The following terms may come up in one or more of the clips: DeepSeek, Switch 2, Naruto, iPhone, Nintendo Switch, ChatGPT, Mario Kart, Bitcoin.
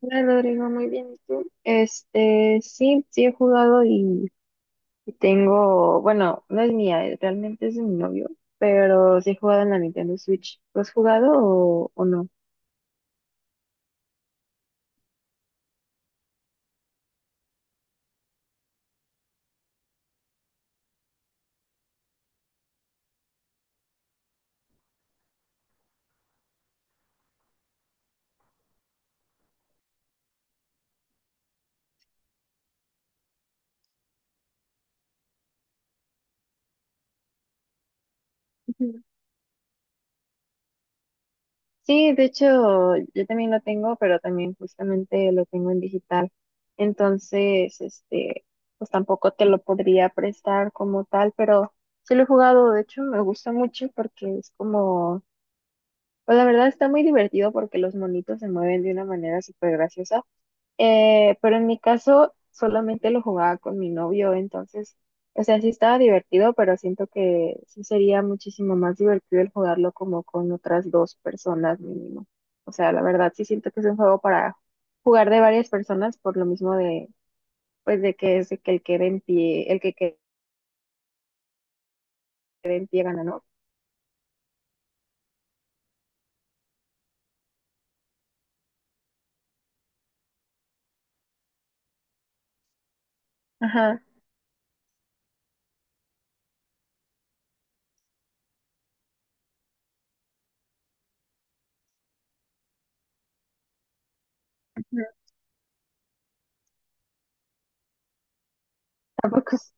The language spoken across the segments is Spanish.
Hola Rodrigo, muy bien. ¿Y tú? Este, sí, sí he jugado y tengo, bueno, no es mía, realmente es de mi novio, pero sí he jugado en la Nintendo Switch. ¿Lo has jugado o no? Ujú. Sí, de hecho, yo también lo tengo, pero también justamente lo tengo en digital. Entonces, este, pues tampoco te lo podría prestar como tal, pero sí lo he jugado. De hecho, me gusta mucho porque es como. Pues la verdad está muy divertido porque los monitos se mueven de una manera súper graciosa. Pero en mi caso solamente lo jugaba con mi novio, entonces, o sea, sí estaba divertido, pero siento que sí sería muchísimo más divertido el jugarlo como con otras dos personas mínimo. O sea, la verdad sí siento que es un juego para jugar de varias personas por lo mismo de, pues de que es de que el que quede en pie, el que quede en pie gana, ¿no? Ajá. Ujú. Tampoco es-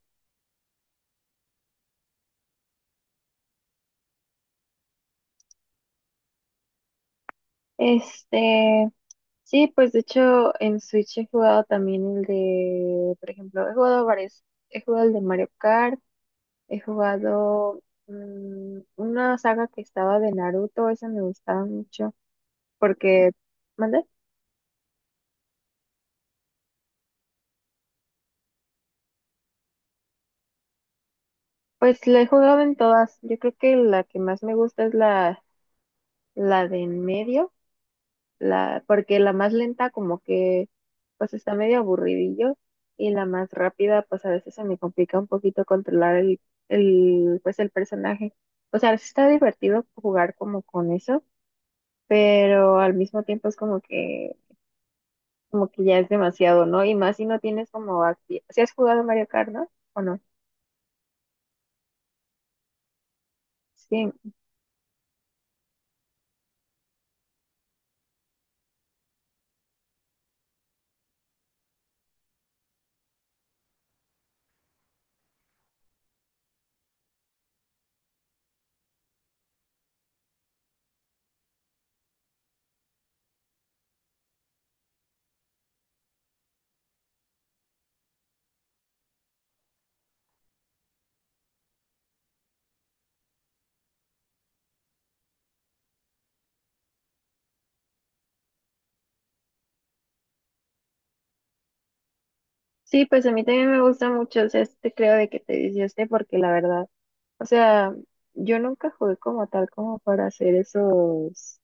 Este, sí, pues de hecho en Switch he jugado también el de, por ejemplo, he jugado varios, he jugado el de Mario Kart, he jugado una saga que estaba de Naruto, esa me gustaba mucho, porque, ¿mande? Pues la he jugado en todas, yo creo que la que más me gusta es la de en medio, porque la más lenta como que pues está medio aburridillo y la más rápida pues a veces se me complica un poquito controlar el personaje. O sea, sí está divertido jugar como con eso, pero al mismo tiempo es como que ya es demasiado, ¿no? Y más si no tienes como si has jugado Mario Kart, ¿no? ¿O no? Sí, sí, pues a mí también me gusta mucho, o sea, este creo de que te disguste porque la verdad, o sea, yo nunca jugué como tal como para hacer esos,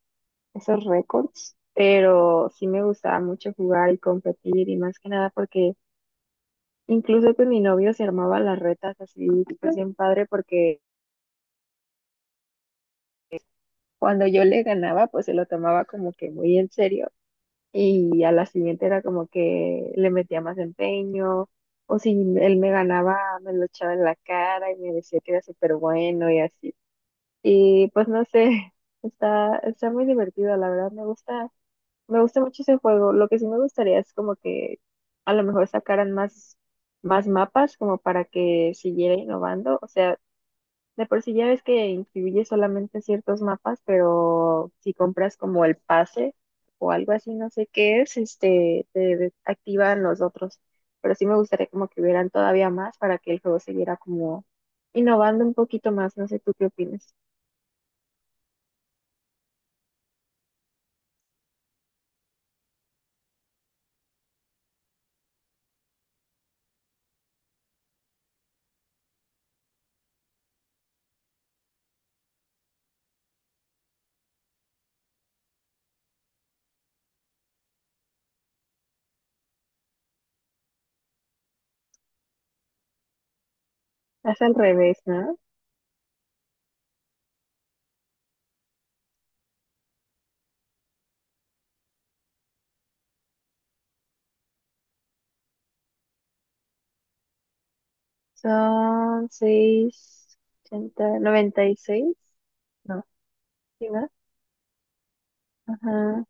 récords, pero sí me gustaba mucho jugar y competir y más que nada porque incluso con mi novio se armaba las retas así, pues bien padre porque cuando yo le ganaba, pues se lo tomaba como que muy en serio y a la siguiente era como que le metía más empeño, o si él me ganaba, me lo echaba en la cara y me decía que era súper bueno y así. Y pues no sé, está muy divertido, la verdad, me gusta mucho ese juego. Lo que sí me gustaría es como que a lo mejor sacaran más mapas como para que siguiera innovando, o sea, de por sí ya ves que incluye solamente ciertos mapas, pero si compras como el pase o algo así, no sé qué es, este, te activan los otros. Pero sí me gustaría como que hubieran todavía más para que el juego siguiera como innovando un poquito más. No sé tú qué opinas. Es al revés, ¿no? Son seis ochenta noventa y seis. No, sí, ¿no? Ajá.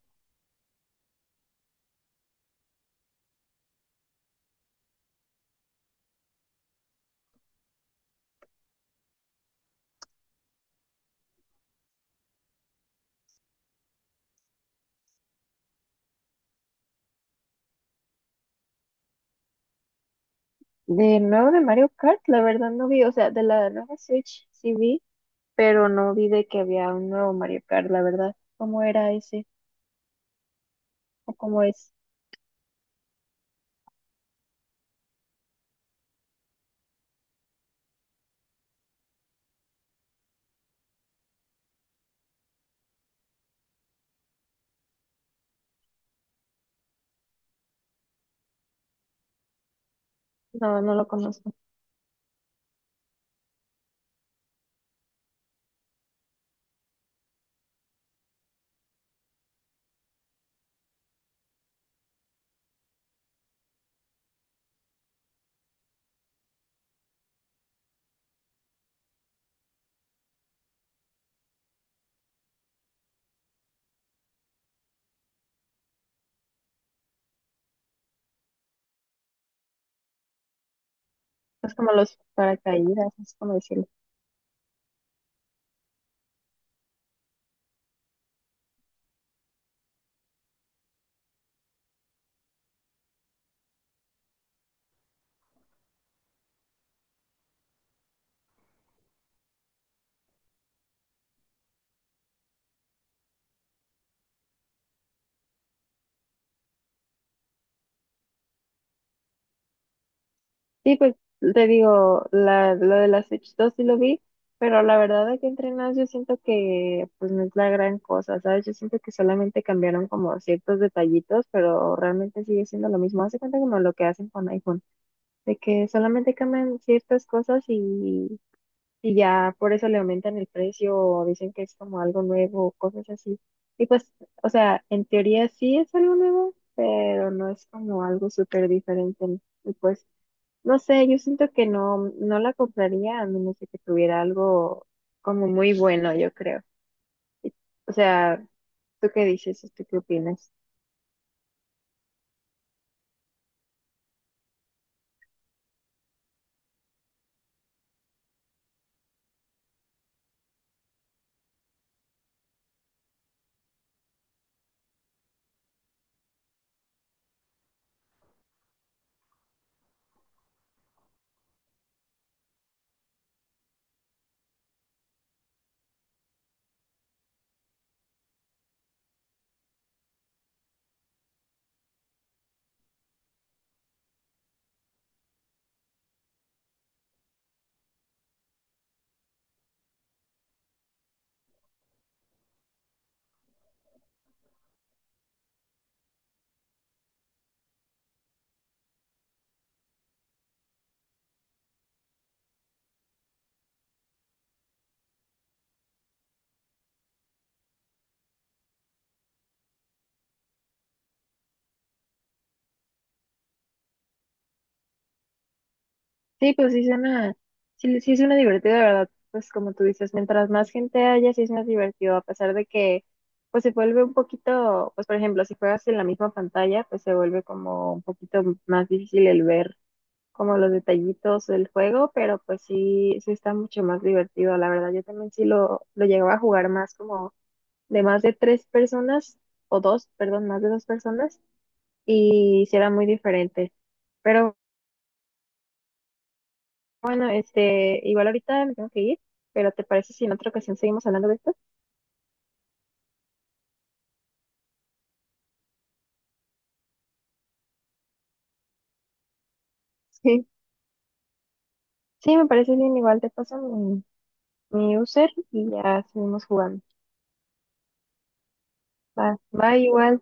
De nuevo de Mario Kart, la verdad no vi, o sea, de la nueva Switch sí vi, pero no vi de que había un nuevo Mario Kart, la verdad. ¿Cómo era ese? ¿O cómo es? No, no lo conozco. Es como los paracaídas, es como decirlo. Sí, pues te digo, lo de la Switch 2 sí lo vi, pero la verdad de que entrenas yo siento que pues no es la gran cosa, ¿sabes? Yo siento que solamente cambiaron como ciertos detallitos, pero realmente sigue siendo lo mismo. Hace cuenta como lo que hacen con iPhone, de que solamente cambian ciertas cosas y ya por eso le aumentan el precio o dicen que es como algo nuevo, cosas así. Y pues, o sea, en teoría sí es algo nuevo, pero no es como algo súper diferente, ¿no? Y pues, no sé, yo siento que no, no la compraría a menos de que tuviera algo como muy bueno, yo creo. Y- O sea, ¿tú qué dices? ¿Tú qué opinas? Sí, pues sí suena, sí, sí suena divertido, de verdad. Pues como tú dices, mientras más gente haya, sí es más divertido, a pesar de que pues se vuelve un poquito, pues por ejemplo, si juegas en la misma pantalla, pues se vuelve como un poquito más difícil el ver como los detallitos del juego, pero pues sí, sí está mucho más divertido, la verdad. Yo también sí lo llegaba a jugar más como de más de tres personas, o dos, perdón, más de dos personas, y sí era muy diferente. Pero bueno, este, igual ahorita me tengo que ir, pero ¿te parece si en otra ocasión seguimos hablando de esto? Sí, sí, me parece bien, igual te paso mi user y ya seguimos jugando. Va, va igual.